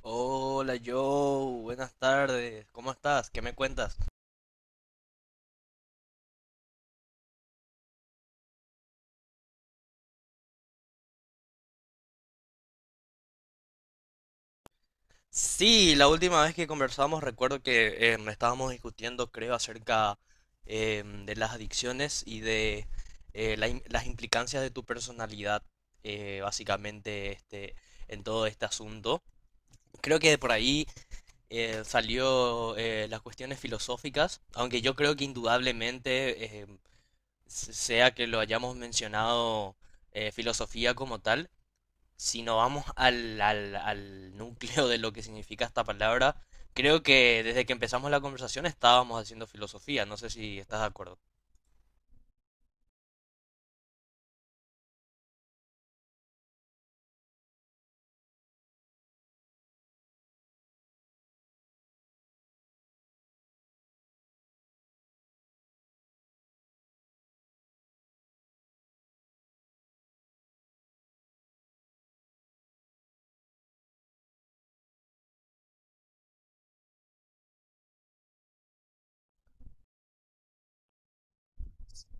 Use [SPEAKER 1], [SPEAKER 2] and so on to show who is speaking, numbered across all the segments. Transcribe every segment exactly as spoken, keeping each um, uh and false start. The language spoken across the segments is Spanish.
[SPEAKER 1] Hola Joe, buenas tardes, ¿cómo estás? ¿Qué me cuentas? Sí, la última vez que conversamos recuerdo que em, estábamos discutiendo, creo, acerca em, de las adicciones y de eh, la im- las implicancias de tu personalidad, eh, básicamente, este, en todo este asunto. Creo que de por ahí eh, salió eh, las cuestiones filosóficas, aunque yo creo que indudablemente, em, s- sea que lo hayamos mencionado eh, filosofía como tal, si nos vamos al, al, al núcleo de lo que significa esta palabra, creo que desde que empezamos la conversación estábamos haciendo filosofía. No sé si estás de acuerdo.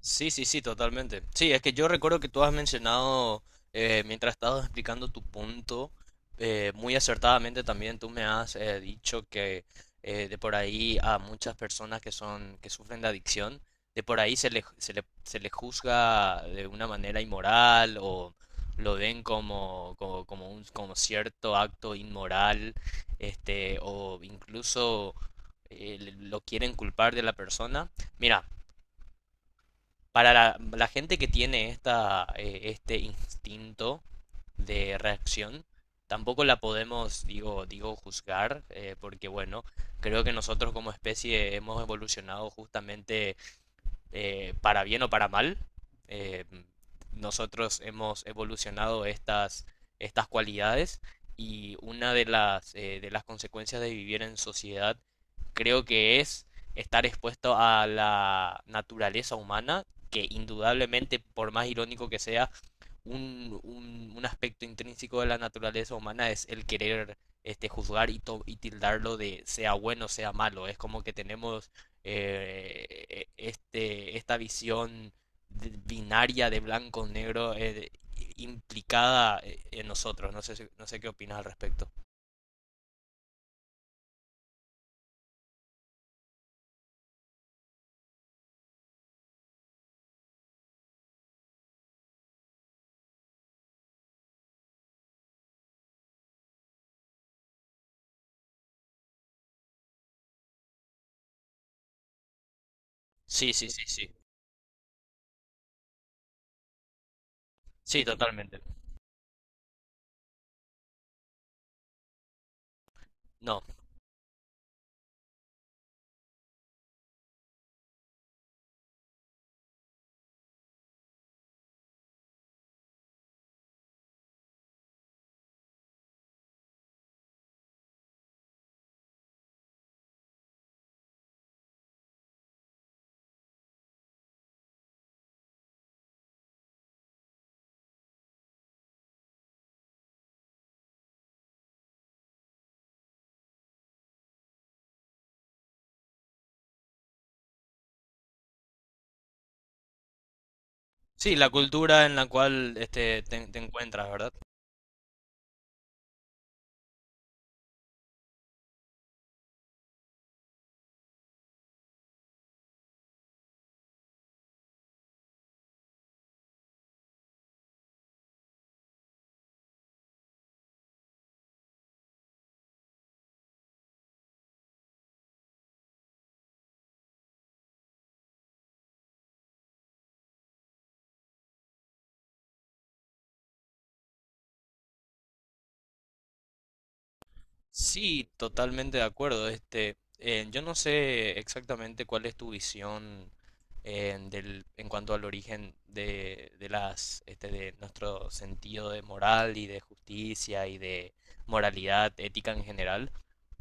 [SPEAKER 1] Sí, sí, sí, totalmente. Sí, es que yo recuerdo que tú has mencionado, eh, mientras estabas explicando tu punto, eh, muy acertadamente también tú me has eh, dicho que eh, de por ahí a muchas personas que son, que sufren de adicción, de por ahí se le, se le, se le juzga de una manera inmoral o lo ven como, como, como un, como cierto acto inmoral, este, o incluso eh, lo quieren culpar de la persona. Mira para la, la gente que tiene esta, eh, este instinto de reacción, tampoco la podemos, digo, digo, juzgar, eh, porque bueno, creo que nosotros como especie hemos evolucionado justamente eh, para bien o para mal, eh, nosotros hemos evolucionado estas, estas cualidades y una de las, eh, de las consecuencias de vivir en sociedad creo que es estar expuesto a la naturaleza humana, que indudablemente, por más irónico que sea, un, un, un aspecto intrínseco de la naturaleza humana es el querer este, juzgar y, to- y tildarlo de sea bueno, sea malo. Es como que tenemos eh, este, esta visión de- binaria de blanco-negro eh, implicada eh, en nosotros. No sé, si- no sé qué opinas al respecto. Sí, sí, sí, sí. Sí, totalmente. No. Sí, la cultura en la cual este, te, te encuentras, ¿verdad? Sí, totalmente de acuerdo. Este, eh, yo no sé exactamente cuál es tu visión eh, del, en cuanto al origen de, de las, este, de nuestro sentido de moral y de justicia y de moralidad ética en general,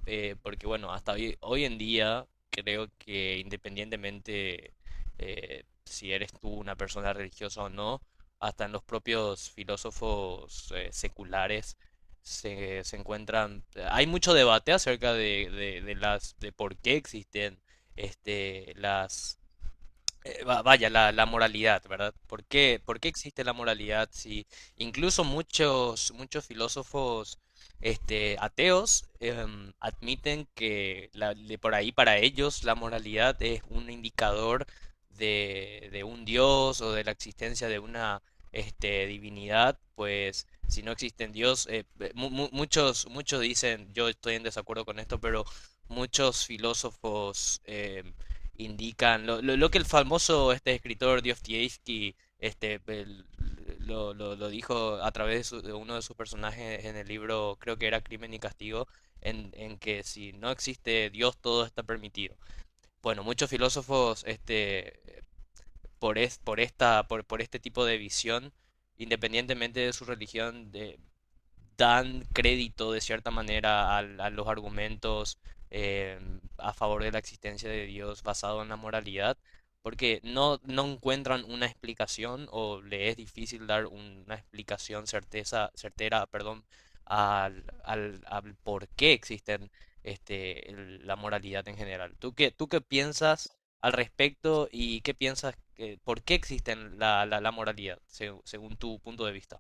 [SPEAKER 1] eh, porque bueno, hasta hoy, hoy en día creo que independientemente eh, si eres tú una persona religiosa o no, hasta en los propios filósofos eh, seculares se, se encuentran, hay mucho debate acerca de, de, de las, de por qué existen este, las eh, va- vaya, la, la moralidad, ¿verdad? ¿Por qué, por qué existe la moralidad? Si incluso muchos, muchos filósofos este, ateos em, admiten que la- de por ahí para ellos la moralidad es un indicador de, de un dios o de la existencia de una este, divinidad, pues si no existe Dios, eh, eh, mu- mu- muchos, muchos dicen, yo estoy en desacuerdo con esto, pero muchos filósofos... em, indican lo, lo, lo que el famoso este escritor Dostoyevsky este el- lo, lo- lo dijo a través de, su- de uno de sus personajes en el libro, creo que era Crimen y Castigo, en, en que si no existe Dios todo está permitido. Bueno, muchos filósofos este por es- por esta por, por este tipo de visión, independientemente de su religión, de- dan crédito de cierta manera al- a, los argumentos eh, a favor de la existencia de Dios basado en la moralidad, porque no, no encuentran una explicación o le es difícil dar una explicación certeza, certera, perdón, al, al, al por qué existen este, el- la moralidad en general. ¿Tú qué, tú qué piensas al respecto y qué piensas que, por qué existen la, la, la moralidad, seg- según tu punto de vista?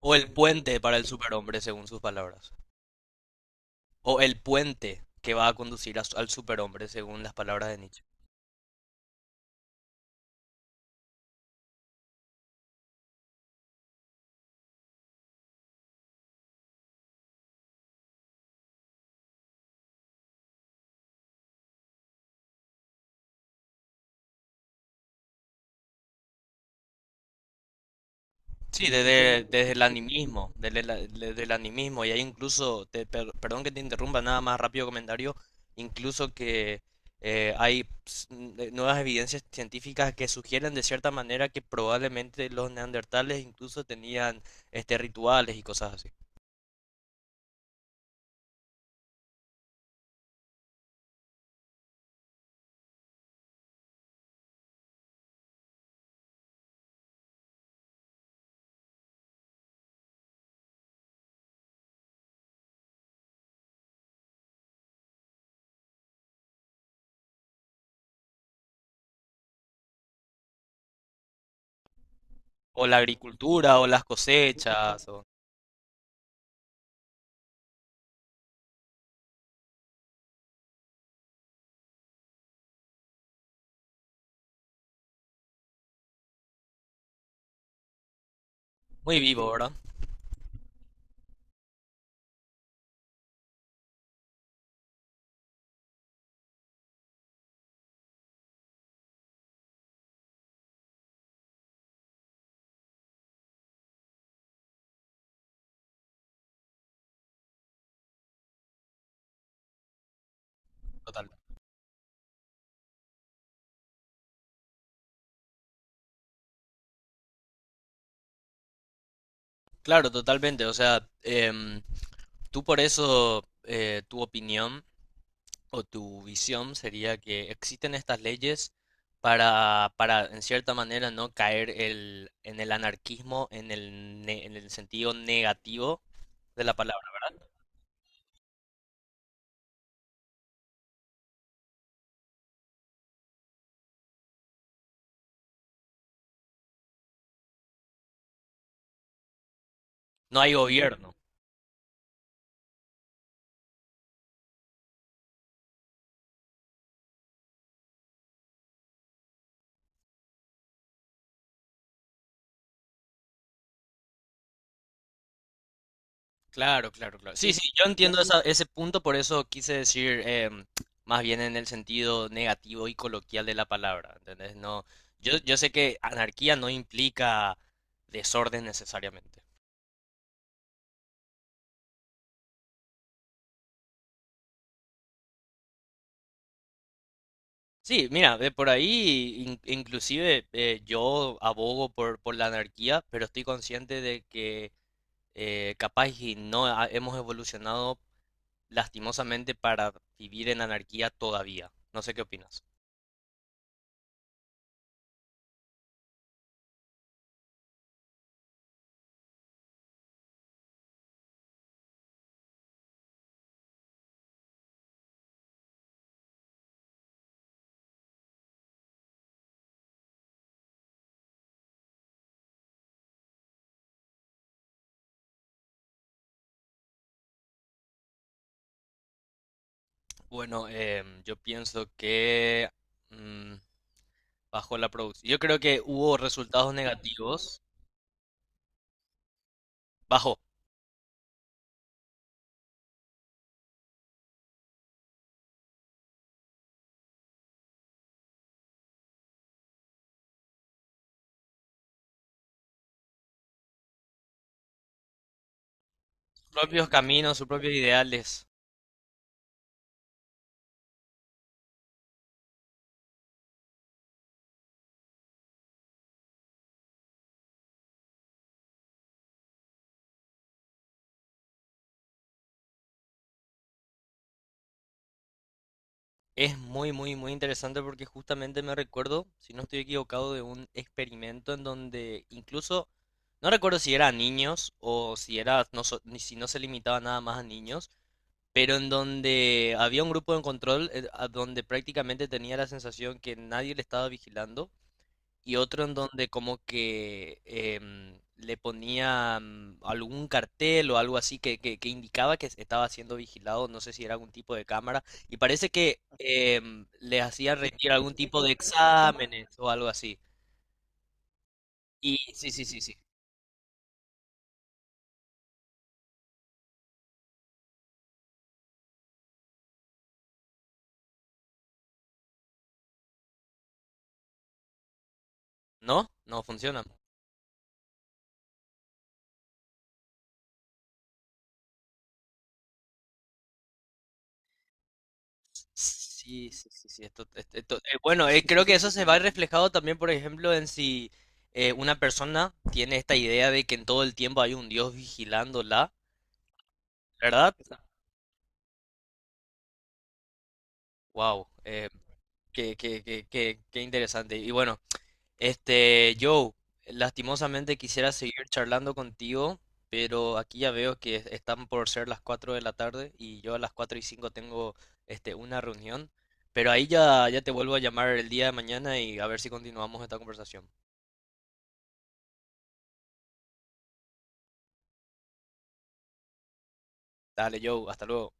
[SPEAKER 1] O el puente para el superhombre, según sus palabras. O el puente que va a conducir a su- al superhombre, según las palabras de Nietzsche. Sí, desde, desde el animismo, desde, la- desde el animismo. Y hay incluso, te- per- perdón que te interrumpa, nada más rápido comentario, incluso que eh, hay ps, n- eh, nuevas evidencias científicas que sugieren de cierta manera que probablemente los neandertales incluso tenían este, rituales y cosas así. O la agricultura, o las cosechas, o... Muy vivo, ¿verdad? Total. Claro, totalmente. O sea, em, tú por eso, eh, tu opinión o tu visión sería que existen estas leyes para, para, en cierta manera, no caer el, en el anarquismo, en el, ne- en el sentido negativo de la palabra. No hay gobierno. Claro, claro, claro. Sí, sí, sí, yo yo entiendo esa- ese punto, por eso quise decir em, más bien en el sentido negativo y coloquial de la palabra, ¿entendés? No, yo, yo sé que anarquía no implica desorden necesariamente. Sí, mira, de por ahí in- inclusive eh, yo abogo por, por la anarquía, pero estoy consciente de que eh, capaz y no ha- hemos evolucionado lastimosamente para vivir en anarquía todavía. No sé qué opinas. Bueno, em, yo pienso que mm, bajó la producción. Yo creo que hubo resultados negativos. Bajó sus propios caminos, sus propios ideales. Es muy, muy, muy interesante porque justamente me recuerdo, si no estoy equivocado, de un experimento en donde incluso, no recuerdo si era a niños o si era, no, so- ni si no se limitaba nada más a niños, pero en donde había un grupo de control eh, a donde prácticamente tenía la sensación que nadie le estaba vigilando y otro en donde como que em, le ponían algún cartel o algo así que, que- que indicaba que estaba siendo vigilado, no sé si era algún tipo de cámara, y parece que em, les hacían rendir algún tipo de exámenes o algo así. Y sí, sí, sí, sí. ¿No? No funciona. Sí, sí, sí, sí. Esto, esto- esto- eh, bueno, eh, creo que eso se va reflejado también, por ejemplo, en si eh, una persona tiene esta idea de que en todo el tiempo hay un Dios vigilándola, ¿verdad? Wow. Qué, qué, qué- qué- qué interesante. Y bueno, este, Joe, lastimosamente quisiera seguir charlando contigo, pero aquí ya veo que están por ser las cuatro de la tarde y yo a las cuatro y cinco tengo este, una reunión. Pero ahí ya, ya te vuelvo a llamar el día de mañana y a ver si continuamos esta conversación. Dale, Joe, hasta luego.